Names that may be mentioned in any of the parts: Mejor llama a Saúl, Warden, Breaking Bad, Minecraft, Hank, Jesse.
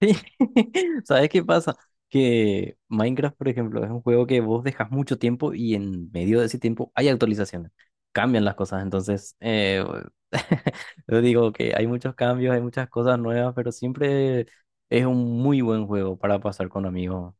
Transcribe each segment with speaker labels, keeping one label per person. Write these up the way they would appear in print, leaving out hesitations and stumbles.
Speaker 1: Sí, ¿sabes qué pasa? Que Minecraft, por ejemplo, es un juego que vos dejas mucho tiempo y en medio de ese tiempo hay actualizaciones, cambian las cosas, entonces, yo digo que hay muchos cambios, hay muchas cosas nuevas, pero siempre es un muy buen juego para pasar con amigos.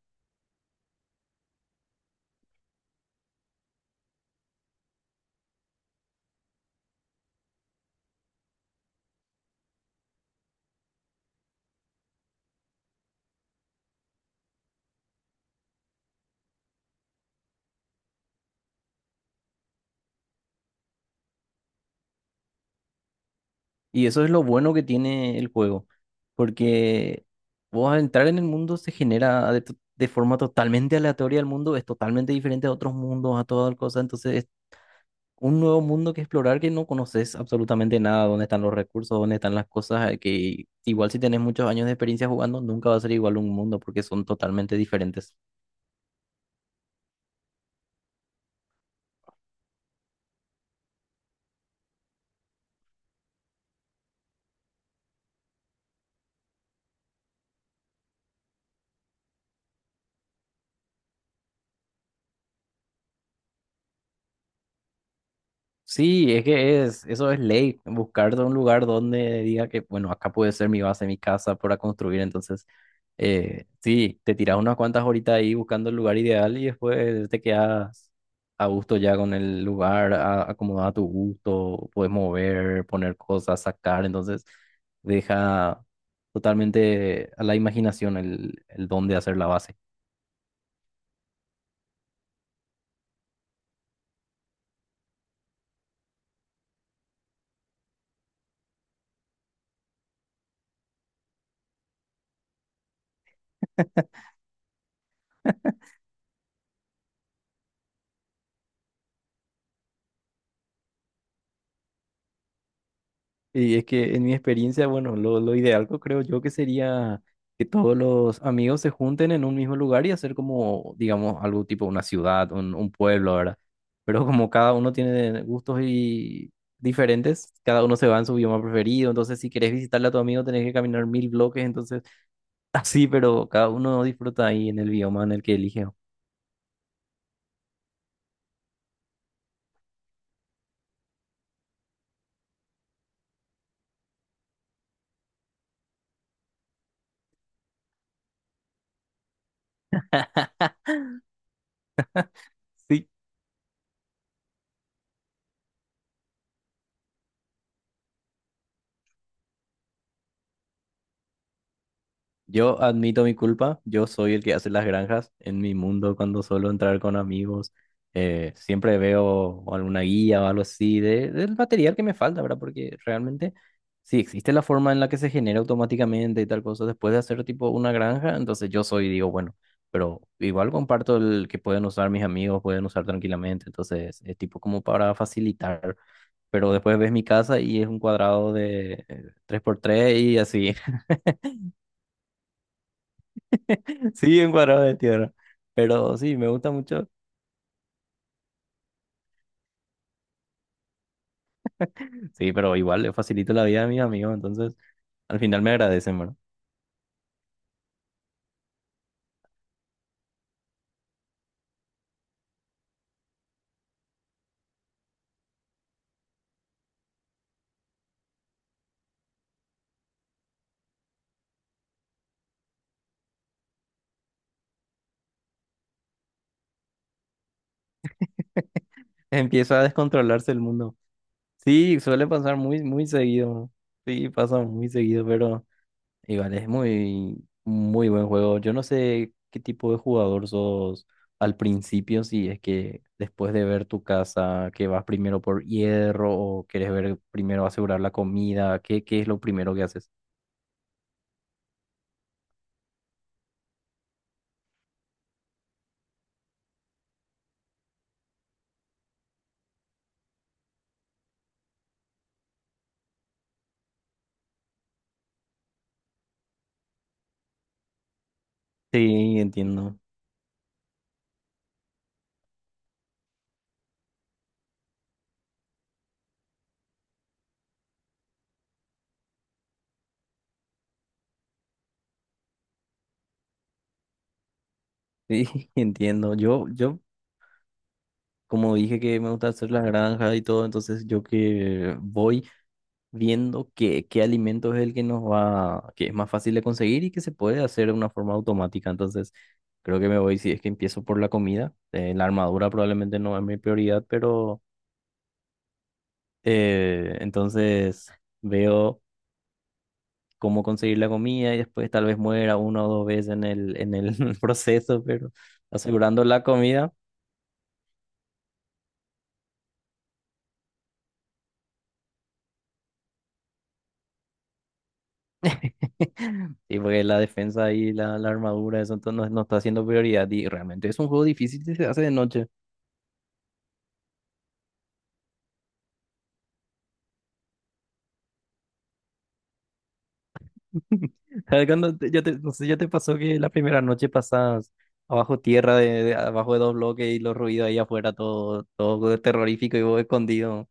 Speaker 1: Y eso es lo bueno que tiene el juego, porque vos al entrar en el mundo se genera de forma totalmente aleatoria el mundo, es totalmente diferente a otros mundos, a todas cosas, entonces un nuevo mundo que explorar que no conoces absolutamente nada, dónde están los recursos, dónde están las cosas, que igual si tenés muchos años de experiencia jugando, nunca va a ser igual un mundo porque son totalmente diferentes. Sí, eso es ley, buscar de un lugar donde diga que, bueno, acá puede ser mi base, mi casa para construir, entonces, sí, te tiras unas cuantas horitas ahí buscando el lugar ideal y después te quedas a gusto ya con el lugar, acomodado a tu gusto, puedes mover, poner cosas, sacar, entonces deja totalmente a la imaginación el dónde hacer la base. Y es que en mi experiencia, bueno, lo ideal que creo yo que sería que todos los amigos se junten en un mismo lugar y hacer como, digamos, algo tipo una ciudad, un pueblo, ¿verdad? Pero como cada uno tiene gustos y diferentes, cada uno se va en su bioma preferido, entonces si querés visitarle a tu amigo tenés que caminar 1000 bloques, entonces así, pero cada uno disfruta ahí en el bioma en el que elige. Sí. Yo admito mi culpa, yo soy el que hace las granjas en mi mundo cuando suelo entrar con amigos. Siempre veo alguna guía o algo así del material que me falta, ¿verdad? Porque realmente, si existe la forma en la que se genera automáticamente y tal cosa después de hacer tipo una granja, entonces yo soy, digo, bueno, pero igual comparto el que pueden usar mis amigos, pueden usar tranquilamente, entonces es tipo como para facilitar. Pero después ves mi casa y es un cuadrado de 3x3 y así. Sí, un cuadrado de tierra. Pero sí, me gusta mucho. Sí, pero igual le facilito la vida a mis amigos, entonces al final me agradecen, ¿verdad? Empieza a descontrolarse el mundo. Sí, suele pasar muy, muy seguido. Sí, pasa muy seguido, pero igual es muy, muy buen juego. Yo no sé qué tipo de jugador sos al principio, si es que después de ver tu casa, que vas primero por hierro o quieres ver primero asegurar la comida, ¿ qué es lo primero que haces? Sí, entiendo. Sí, entiendo. Yo, como dije que me gusta hacer las granjas y todo, entonces yo que voy viendo qué alimento es el que nos va, que es más fácil de conseguir y que se puede hacer de una forma automática. Entonces, creo que me voy, si es que empiezo por la comida. La armadura probablemente no es mi prioridad, pero entonces veo cómo conseguir la comida y después tal vez muera una o dos veces en en el proceso, pero asegurando la comida. Y porque la defensa y la armadura, eso entonces no, no está siendo prioridad. Y realmente es un juego difícil si se hace de noche. ¿Sabes cuando no sé, ya te pasó que la primera noche pasas abajo tierra, abajo de dos bloques y los ruidos ahí afuera, todo, todo terrorífico y vos escondido?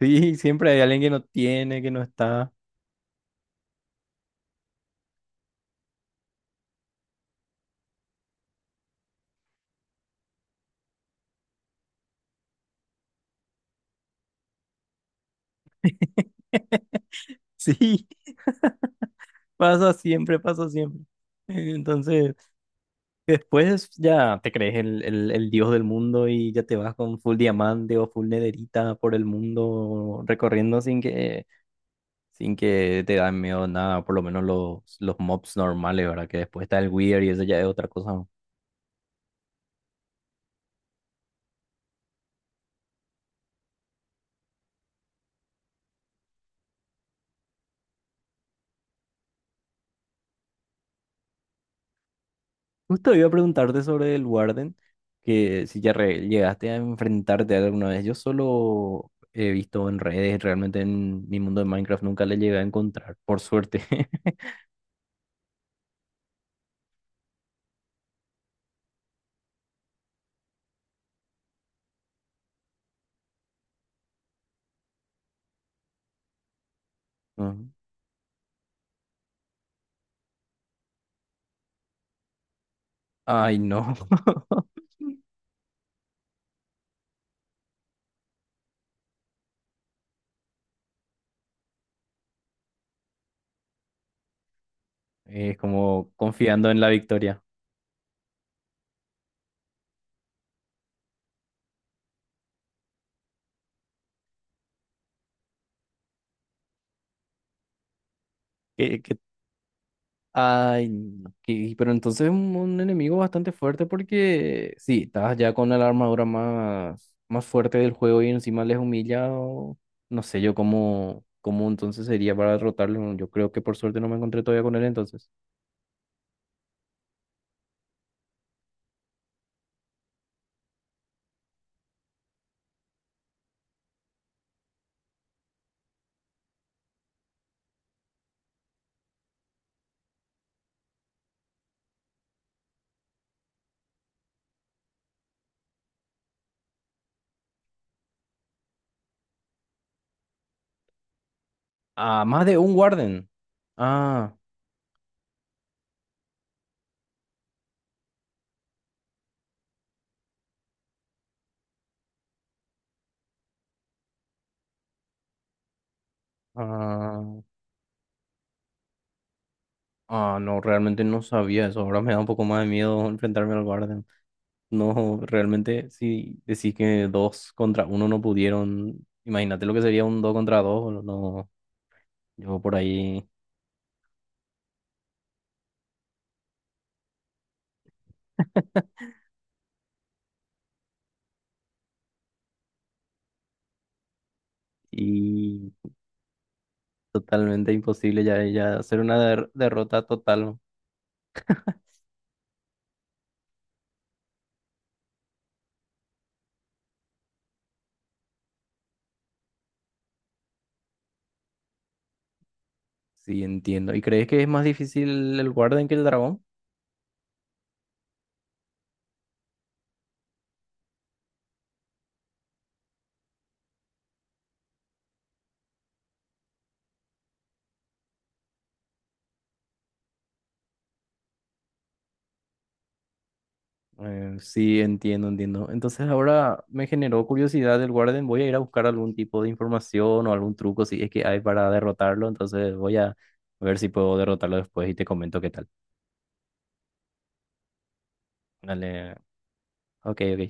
Speaker 1: Sí, siempre hay alguien que no tiene, que no está. Sí, pasa siempre, pasa siempre. Entonces. Y después ya te crees el dios del mundo y ya te vas con full diamante o full nederita por el mundo recorriendo sin que te dan miedo nada, por lo menos los mobs normales, ¿verdad? Que después está el weird y eso ya es otra cosa. ¿No? Justo iba a preguntarte sobre el Warden, que si ya llegaste a enfrentarte a él alguna vez. Yo solo he visto en redes, realmente en mi mundo de Minecraft nunca le llegué a encontrar, por suerte. Ujú. Ay, no. Es como confiando en la victoria. Que- que- Ay, no, pero entonces un enemigo bastante fuerte porque sí, estás ya con la armadura más, más fuerte del juego y encima les humilla. No sé yo cómo, cómo entonces sería para derrotarlo. Yo creo que por suerte no me encontré todavía con él entonces. Ah, más de un Warden. Ah, ah, ah, no, realmente no sabía eso. Ahora me da un poco más de miedo enfrentarme al Warden. No, realmente si decís que dos contra uno no pudieron, imagínate lo que sería un dos contra dos, no, yo por ahí y totalmente imposible ya, ya hacer una derrota total, sí entiendo. ¿Y crees que es más difícil el Warden que el dragón? Sí, entiendo, entiendo. Entonces ahora me generó curiosidad el Warden, voy a ir a buscar algún tipo de información o algún truco si es que hay para derrotarlo, entonces voy a ver si puedo derrotarlo después y te comento qué tal. Dale, ok, ok.